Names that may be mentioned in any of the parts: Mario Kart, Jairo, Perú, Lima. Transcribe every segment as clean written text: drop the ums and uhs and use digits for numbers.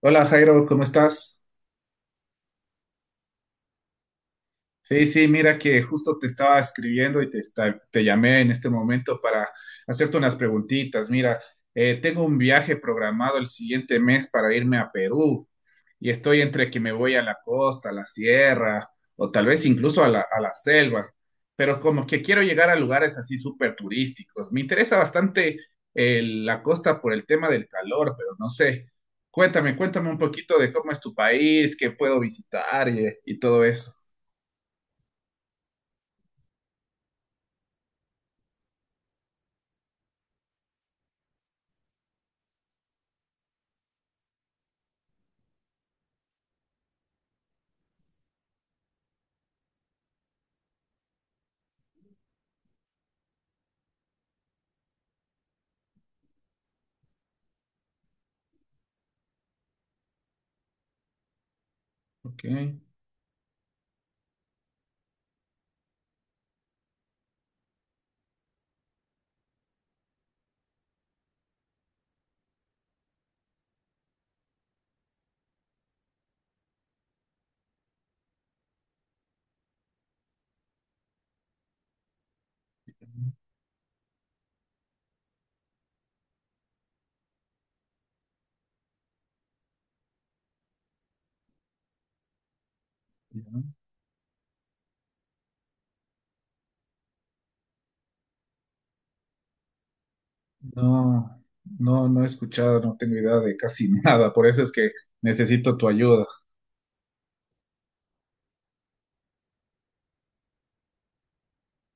Hola Jairo, ¿cómo estás? Sí, sí, mira que justo te estaba escribiendo y te llamé en este momento para hacerte unas preguntitas. Mira, tengo un viaje programado el siguiente mes para irme a Perú y estoy entre que me voy a la costa, a la sierra o tal vez incluso a la selva, pero como que quiero llegar a lugares así súper turísticos. Me interesa bastante la costa por el tema del calor, pero no sé. Cuéntame, cuéntame un poquito de cómo es tu país, qué puedo visitar y todo eso. Ok. Ya. No, no, no he escuchado, no tengo idea de casi nada, por eso es que necesito tu ayuda.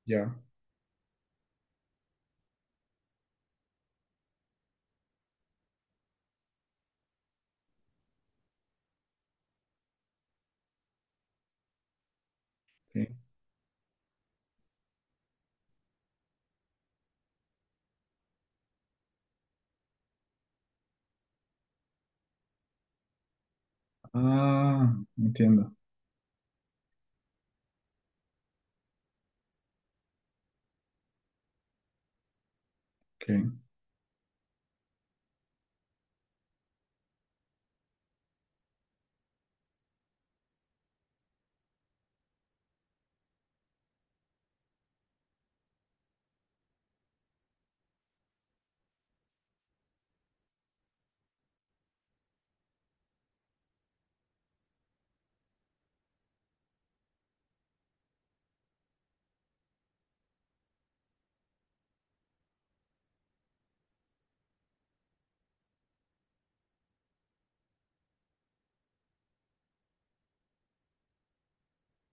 Ya, ok. Ah, entiendo. Ok,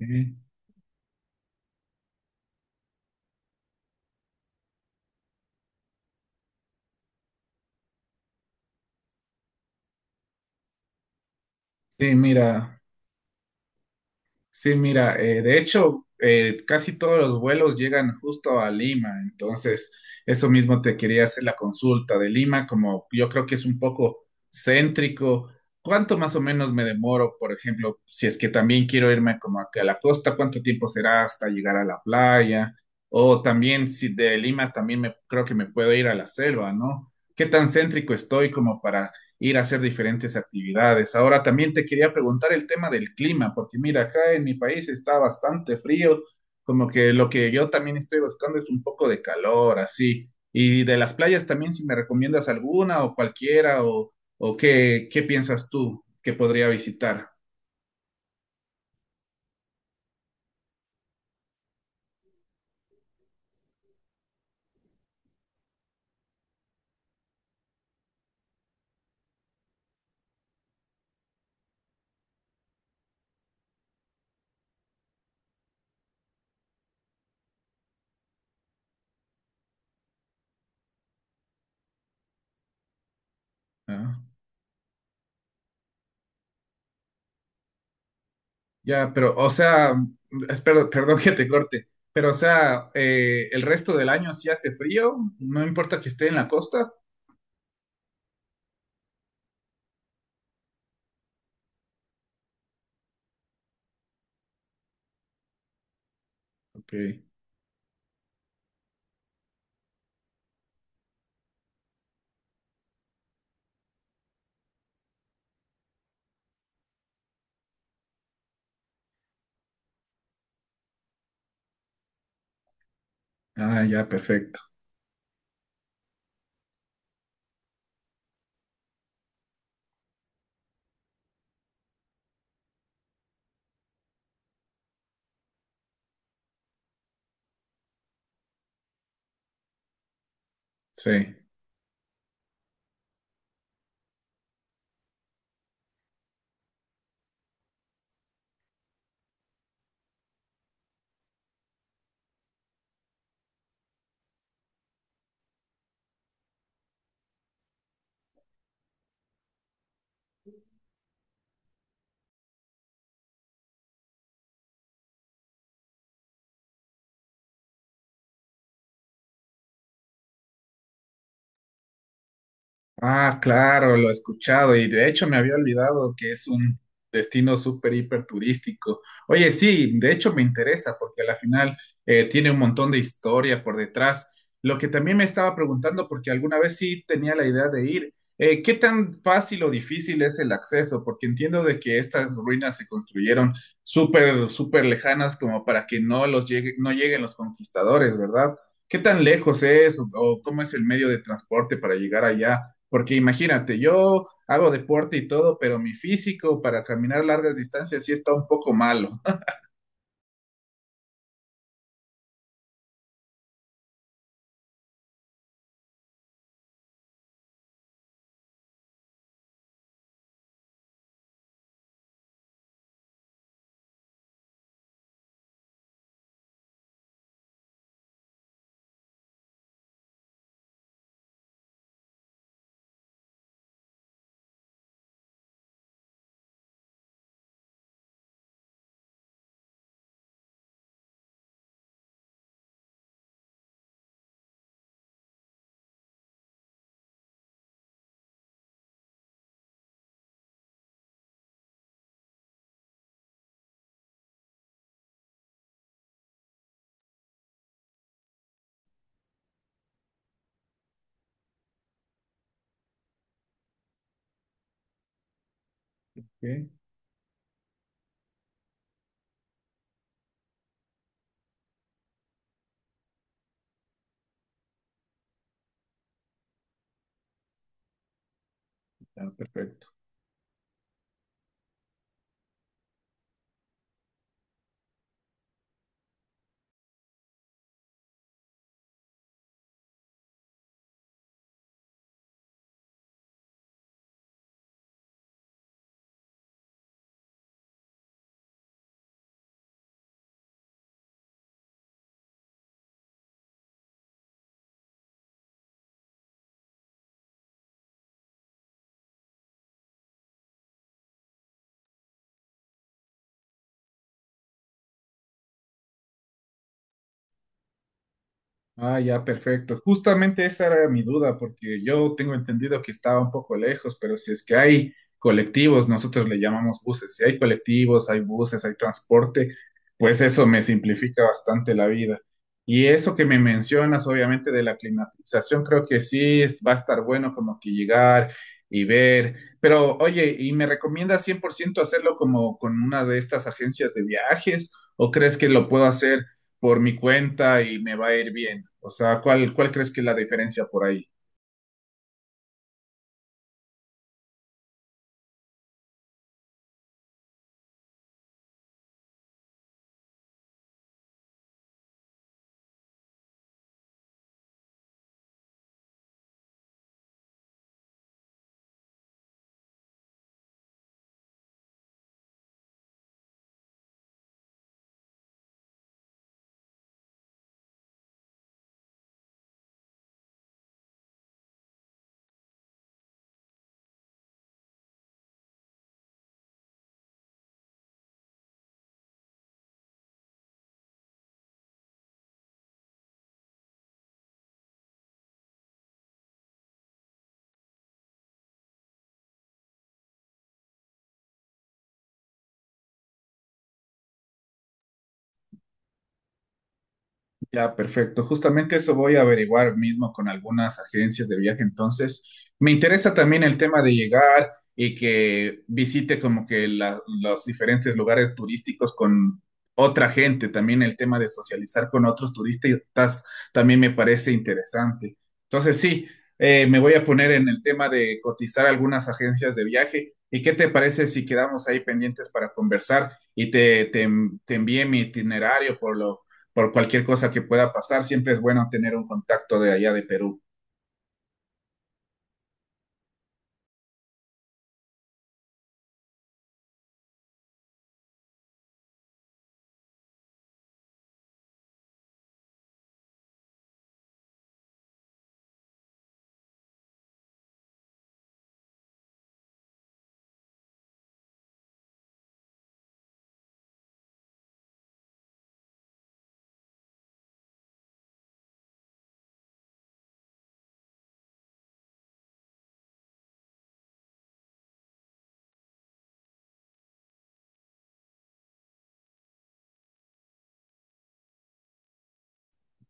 ok. Sí, mira. Sí, mira, de hecho, casi todos los vuelos llegan justo a Lima, entonces eso mismo te quería hacer la consulta de Lima, como yo creo que es un poco céntrico. ¿Cuánto más o menos me demoro, por ejemplo, si es que también quiero irme como aquí a la costa, cuánto tiempo será hasta llegar a la playa? O también si de Lima también me creo que me puedo ir a la selva, ¿no? ¿Qué tan céntrico estoy como para ir a hacer diferentes actividades? Ahora también te quería preguntar el tema del clima, porque mira, acá en mi país está bastante frío, como que lo que yo también estoy buscando es un poco de calor, así. Y de las playas también, si me recomiendas alguna o cualquiera, o qué piensas tú que podría visitar. Ah, ya, pero, o sea, espero, perdón que te corte, pero, o sea, el resto del año sí hace frío, no importa que esté en la costa. Ok. Ah, ya, perfecto. Sí. Ah, claro, lo he escuchado y de hecho me había olvidado que es un destino súper hiper turístico. Oye, sí, de hecho me interesa porque a la final tiene un montón de historia por detrás. Lo que también me estaba preguntando, porque alguna vez sí tenía la idea de ir, ¿qué tan fácil o difícil es el acceso? Porque entiendo de que estas ruinas se construyeron súper, súper lejanas como para que no lleguen los conquistadores, ¿verdad? ¿Qué tan lejos es o cómo es el medio de transporte para llegar allá? Porque imagínate, yo hago deporte y todo, pero mi físico para caminar largas distancias sí está un poco malo. Ok, está perfecto. Ah, ya, perfecto. Justamente esa era mi duda, porque yo tengo entendido que estaba un poco lejos, pero si es que hay colectivos, nosotros le llamamos buses, si hay colectivos, hay buses, hay transporte, pues eso me simplifica bastante la vida. Y eso que me mencionas, obviamente, de la climatización, creo que sí va a estar bueno como que llegar y ver. Pero oye, ¿y me recomiendas 100% hacerlo como con una de estas agencias de viajes? ¿O crees que lo puedo hacer por mi cuenta y me va a ir bien? O sea, ¿cuál crees que es la diferencia por ahí? Ya, perfecto. Justamente eso voy a averiguar mismo con algunas agencias de viaje. Entonces, me interesa también el tema de llegar y que visite como que los diferentes lugares turísticos con otra gente. También el tema de socializar con otros turistas también me parece interesante. Entonces, sí, me voy a poner en el tema de cotizar algunas agencias de viaje. ¿Y qué te parece si quedamos ahí pendientes para conversar y te, envié mi itinerario por cualquier cosa que pueda pasar? Siempre es bueno tener un contacto de allá de Perú.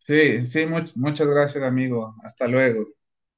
Sí, sí, muchas gracias, amigo. Hasta luego.